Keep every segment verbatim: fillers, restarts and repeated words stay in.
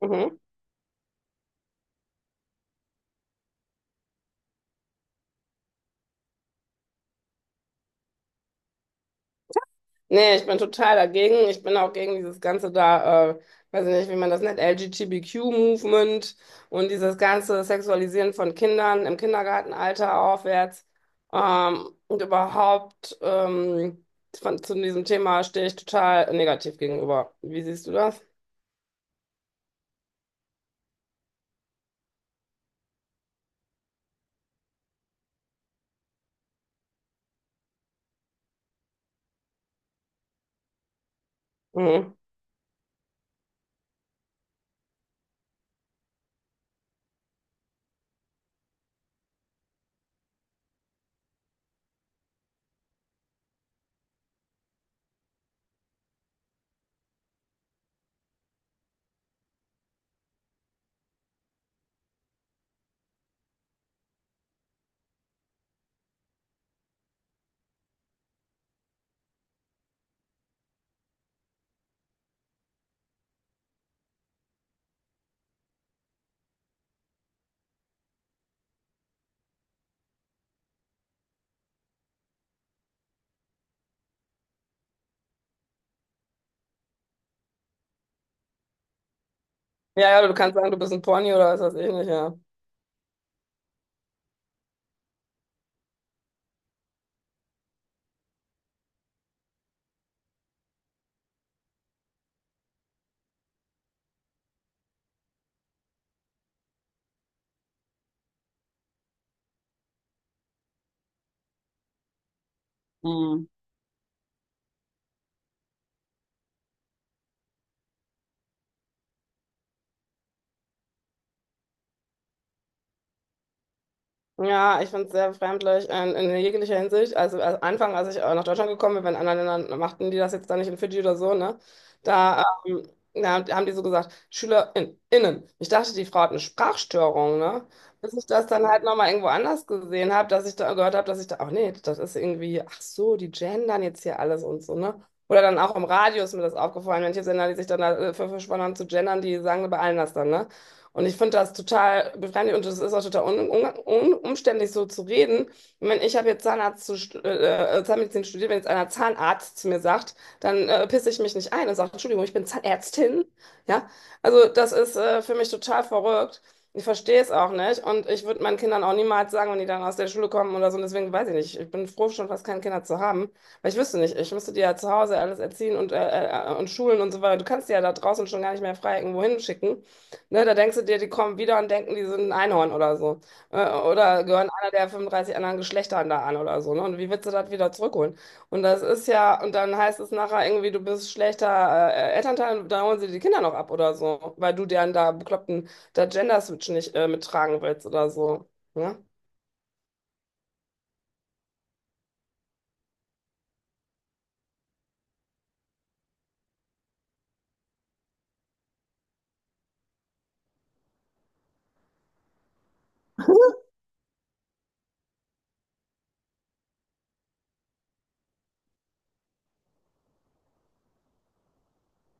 Mhm. Nee, ich bin total dagegen. Ich bin auch gegen dieses ganze da, äh, weiß ich nicht, wie man das nennt, L G T B Q movement und dieses ganze Sexualisieren von Kindern im Kindergartenalter aufwärts. Ähm, und überhaupt ähm, von, zu diesem Thema stehe ich total negativ gegenüber. Wie siehst du das? Mhm. Ja, ja, du kannst sagen, du bist ein Pony oder was weiß ich nicht, ja. Ja, ich finde es sehr befremdlich in, in jeglicher Hinsicht. Also am Anfang, als ich äh, nach Deutschland gekommen bin, wenn in anderen Ländern machten die das jetzt dann nicht in Fidschi oder so, ne? Da, ähm, da haben die so gesagt, SchülerInnen. Innen. Ich dachte, die Frau hat eine Sprachstörung, ne? Bis ich das dann halt nochmal irgendwo anders gesehen habe, dass ich da gehört habe, dass ich da, ach nee, das ist irgendwie, ach so, die gendern jetzt hier alles und so, ne? Oder dann auch im Radio ist mir das aufgefallen, manche Sender, die sich dann dafür verschworen haben zu gendern, die sagen bei allen das dann, ne? Und ich finde das total befremdlich und es ist auch total un un umständlich, so zu reden. Ich meine, ich habe jetzt Zahnarzt zu stu- äh, äh, Zahnmedizin studiert. Wenn jetzt einer Zahnarzt zu mir sagt, dann äh, pisse ich mich nicht ein und sage, Entschuldigung, ich bin Zahnärztin. Ja, also das ist äh, für mich total verrückt. Ich verstehe es auch nicht und ich würde meinen Kindern auch niemals sagen, wenn die dann aus der Schule kommen oder so. Und deswegen weiß ich nicht. Ich bin froh, schon fast keine Kinder zu haben, weil ich wüsste nicht. Ich müsste die ja zu Hause alles erziehen und, äh, äh, und schulen und so weiter. Du kannst die ja da draußen schon gar nicht mehr frei irgendwo hinschicken. Ne, da denkst du dir, die kommen wieder und denken, die sind ein Einhorn oder so. Äh, Oder gehören einer der fünfunddreißig anderen Geschlechter da an oder so. Ne? Und wie willst du das wieder zurückholen? Und das ist ja, und dann heißt es nachher irgendwie, du bist schlechter äh, äh, Elternteil, und da holen sie die Kinder noch ab oder so, weil du deren da bekloppten da Gender-Switch nicht äh, mittragen willst oder so. Ne?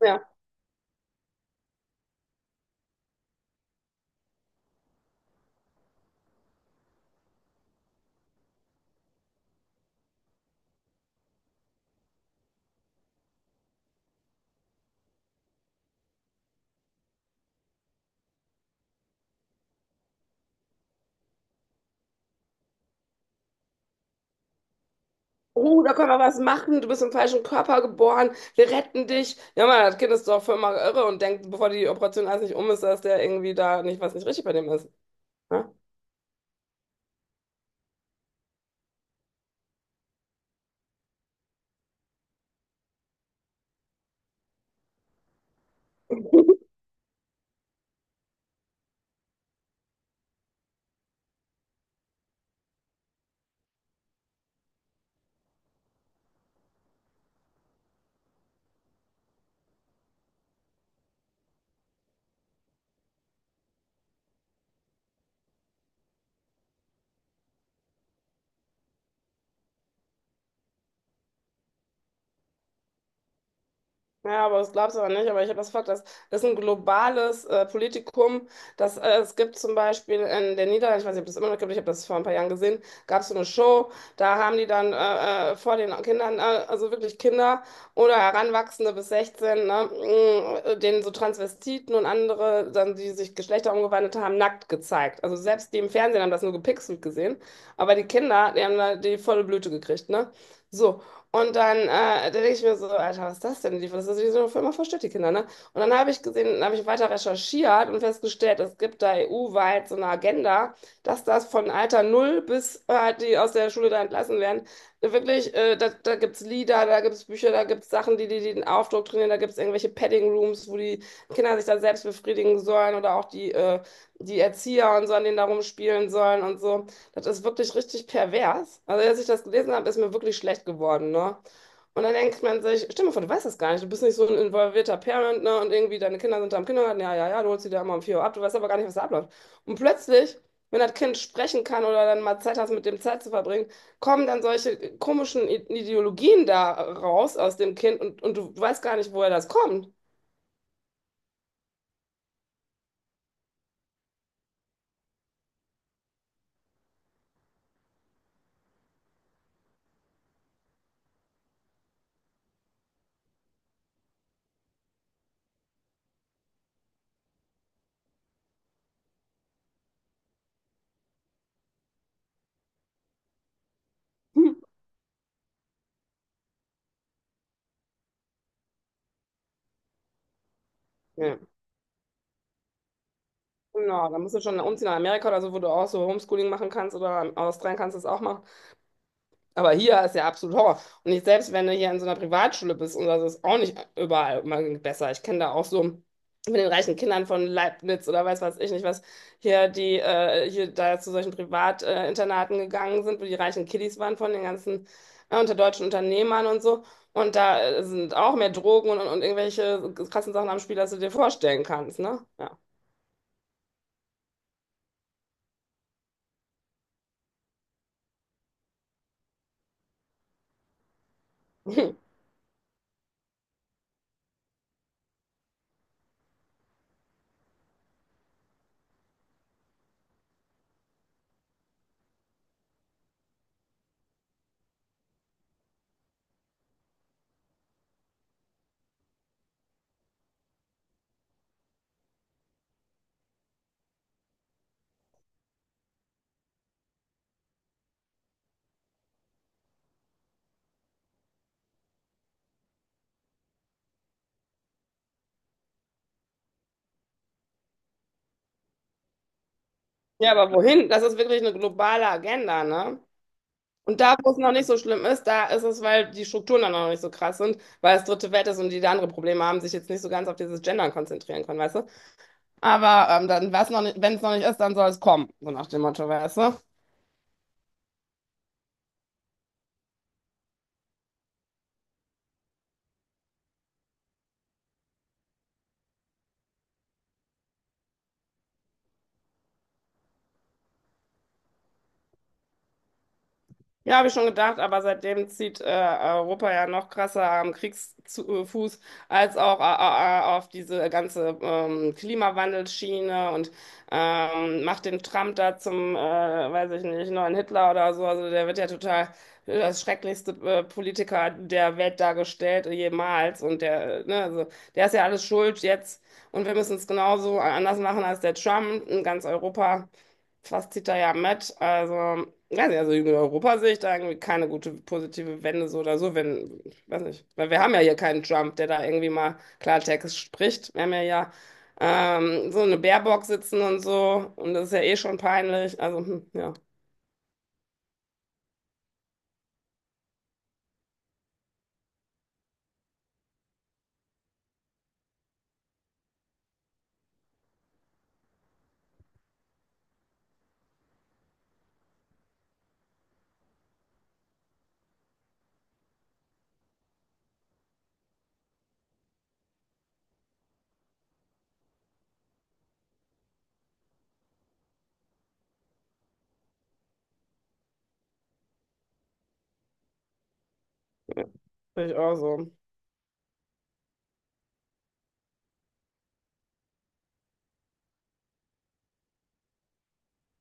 Ja. Oh, da können wir was machen. Du bist im falschen Körper geboren. Wir retten dich. Ja, Mann, das Kind ist doch voll mal irre und denkt, bevor die Operation alles nicht um ist, dass der irgendwie da nicht was nicht richtig bei dem ist. Ne? Ja, aber das glaubst du aber nicht. Aber ich habe das Fakt, dass das ist ein globales äh, Politikum. Das, äh, es gibt zum Beispiel in den Niederlanden, ich weiß nicht, ob das immer noch gibt, ich habe das vor ein paar Jahren gesehen, gab es so eine Show, da haben die dann äh, äh, vor den Kindern, äh, also wirklich Kinder oder Heranwachsende bis sechzehn, ne, mh, denen so Transvestiten und andere, dann, die sich Geschlechter umgewandelt haben, nackt gezeigt. Also selbst die im Fernsehen haben das nur gepixelt gesehen. Aber die Kinder, die haben da die volle Blüte gekriegt, ne? So, und dann, äh, da denke ich mir so, Alter, was ist das denn? Die- Das ist wie so eine Firma verstört die Kinder, ne? Und dann habe ich gesehen, habe ich weiter recherchiert und festgestellt, es gibt da E U-weit so eine Agenda, dass das von Alter Null bis äh, halt die aus der Schule da entlassen werden. Wirklich, äh, da, da gibt es Lieder, da gibt es Bücher, da gibt es Sachen, die, die, die den Aufdruck trainieren, da gibt es irgendwelche Padding Rooms, wo die Kinder sich da selbst befriedigen sollen oder auch die, äh, die Erzieher und so an denen da rumspielen sollen und so. Das ist wirklich richtig pervers. Also, als ich das gelesen habe, ist mir wirklich schlecht geworden, ne? Und dann denkt man sich, stell dir mal vor, du weißt das gar nicht, du bist nicht so ein involvierter Parent, ne? Und irgendwie deine Kinder sind da im Kindergarten, ja, ja, ja, du holst die da immer um vier Uhr ab, du weißt aber gar nicht, was da abläuft. Und plötzlich, wenn das Kind sprechen kann oder dann mal Zeit hast, mit dem Zeit zu verbringen, kommen dann solche komischen I- Ideologien da raus aus dem Kind und, und du weißt gar nicht, woher das kommt. Hm. Ja, genau, da musst du schon umziehen nach Amerika oder so, wo du auch so Homeschooling machen kannst oder Australien kannst du es auch machen. Aber hier ist ja absolut Horror. Und ich selbst, wenn du hier in so einer Privatschule bist, und das ist auch nicht überall immer besser. Ich kenne da auch so mit den reichen Kindern von Leibniz oder weiß was ich nicht was, hier die äh, hier da zu solchen Privatinternaten äh, Internaten gegangen sind, wo die reichen Kiddies waren von den ganzen äh, unter deutschen Unternehmern und so. Und da äh, sind auch mehr Drogen und, und irgendwelche krassen Sachen am Spiel, als du dir vorstellen kannst, ne? Ja. Ja, aber wohin? Das ist wirklich eine globale Agenda, ne? Und da, wo es noch nicht so schlimm ist, da ist es, weil die Strukturen dann noch nicht so krass sind, weil es dritte Welt ist und die da andere Probleme haben, sich jetzt nicht so ganz auf dieses Gendern konzentrieren können, weißt du? Aber ähm, dann, was noch nicht, wenn es noch nicht ist, dann soll es kommen, so nach dem Motto, weißt du? Ja, habe ich schon gedacht, aber seitdem zieht äh, Europa ja noch krasser am Kriegsfuß als auch äh, äh, äh, auf diese ganze ähm, Klimawandelschiene und ähm, macht den Trump da zum, äh, weiß ich nicht, neuen Hitler oder so. Also der wird ja total äh, das schrecklichste äh, Politiker der Welt dargestellt äh, jemals. Und der, äh, ne, also der ist ja alles schuld jetzt und wir müssen es genauso anders machen als der Trump in ganz Europa was zieht da ja mit? Also, weiß nicht, also in Europa sehe ich da irgendwie keine gute positive Wende so oder so, wenn, weiß nicht, weil wir haben ja hier keinen Trump, der da irgendwie mal Klartext spricht. Wir haben ja, ja ähm, so eine Baerbock sitzen und so und das ist ja eh schon peinlich. Also, hm, ja, sehe ich auch so.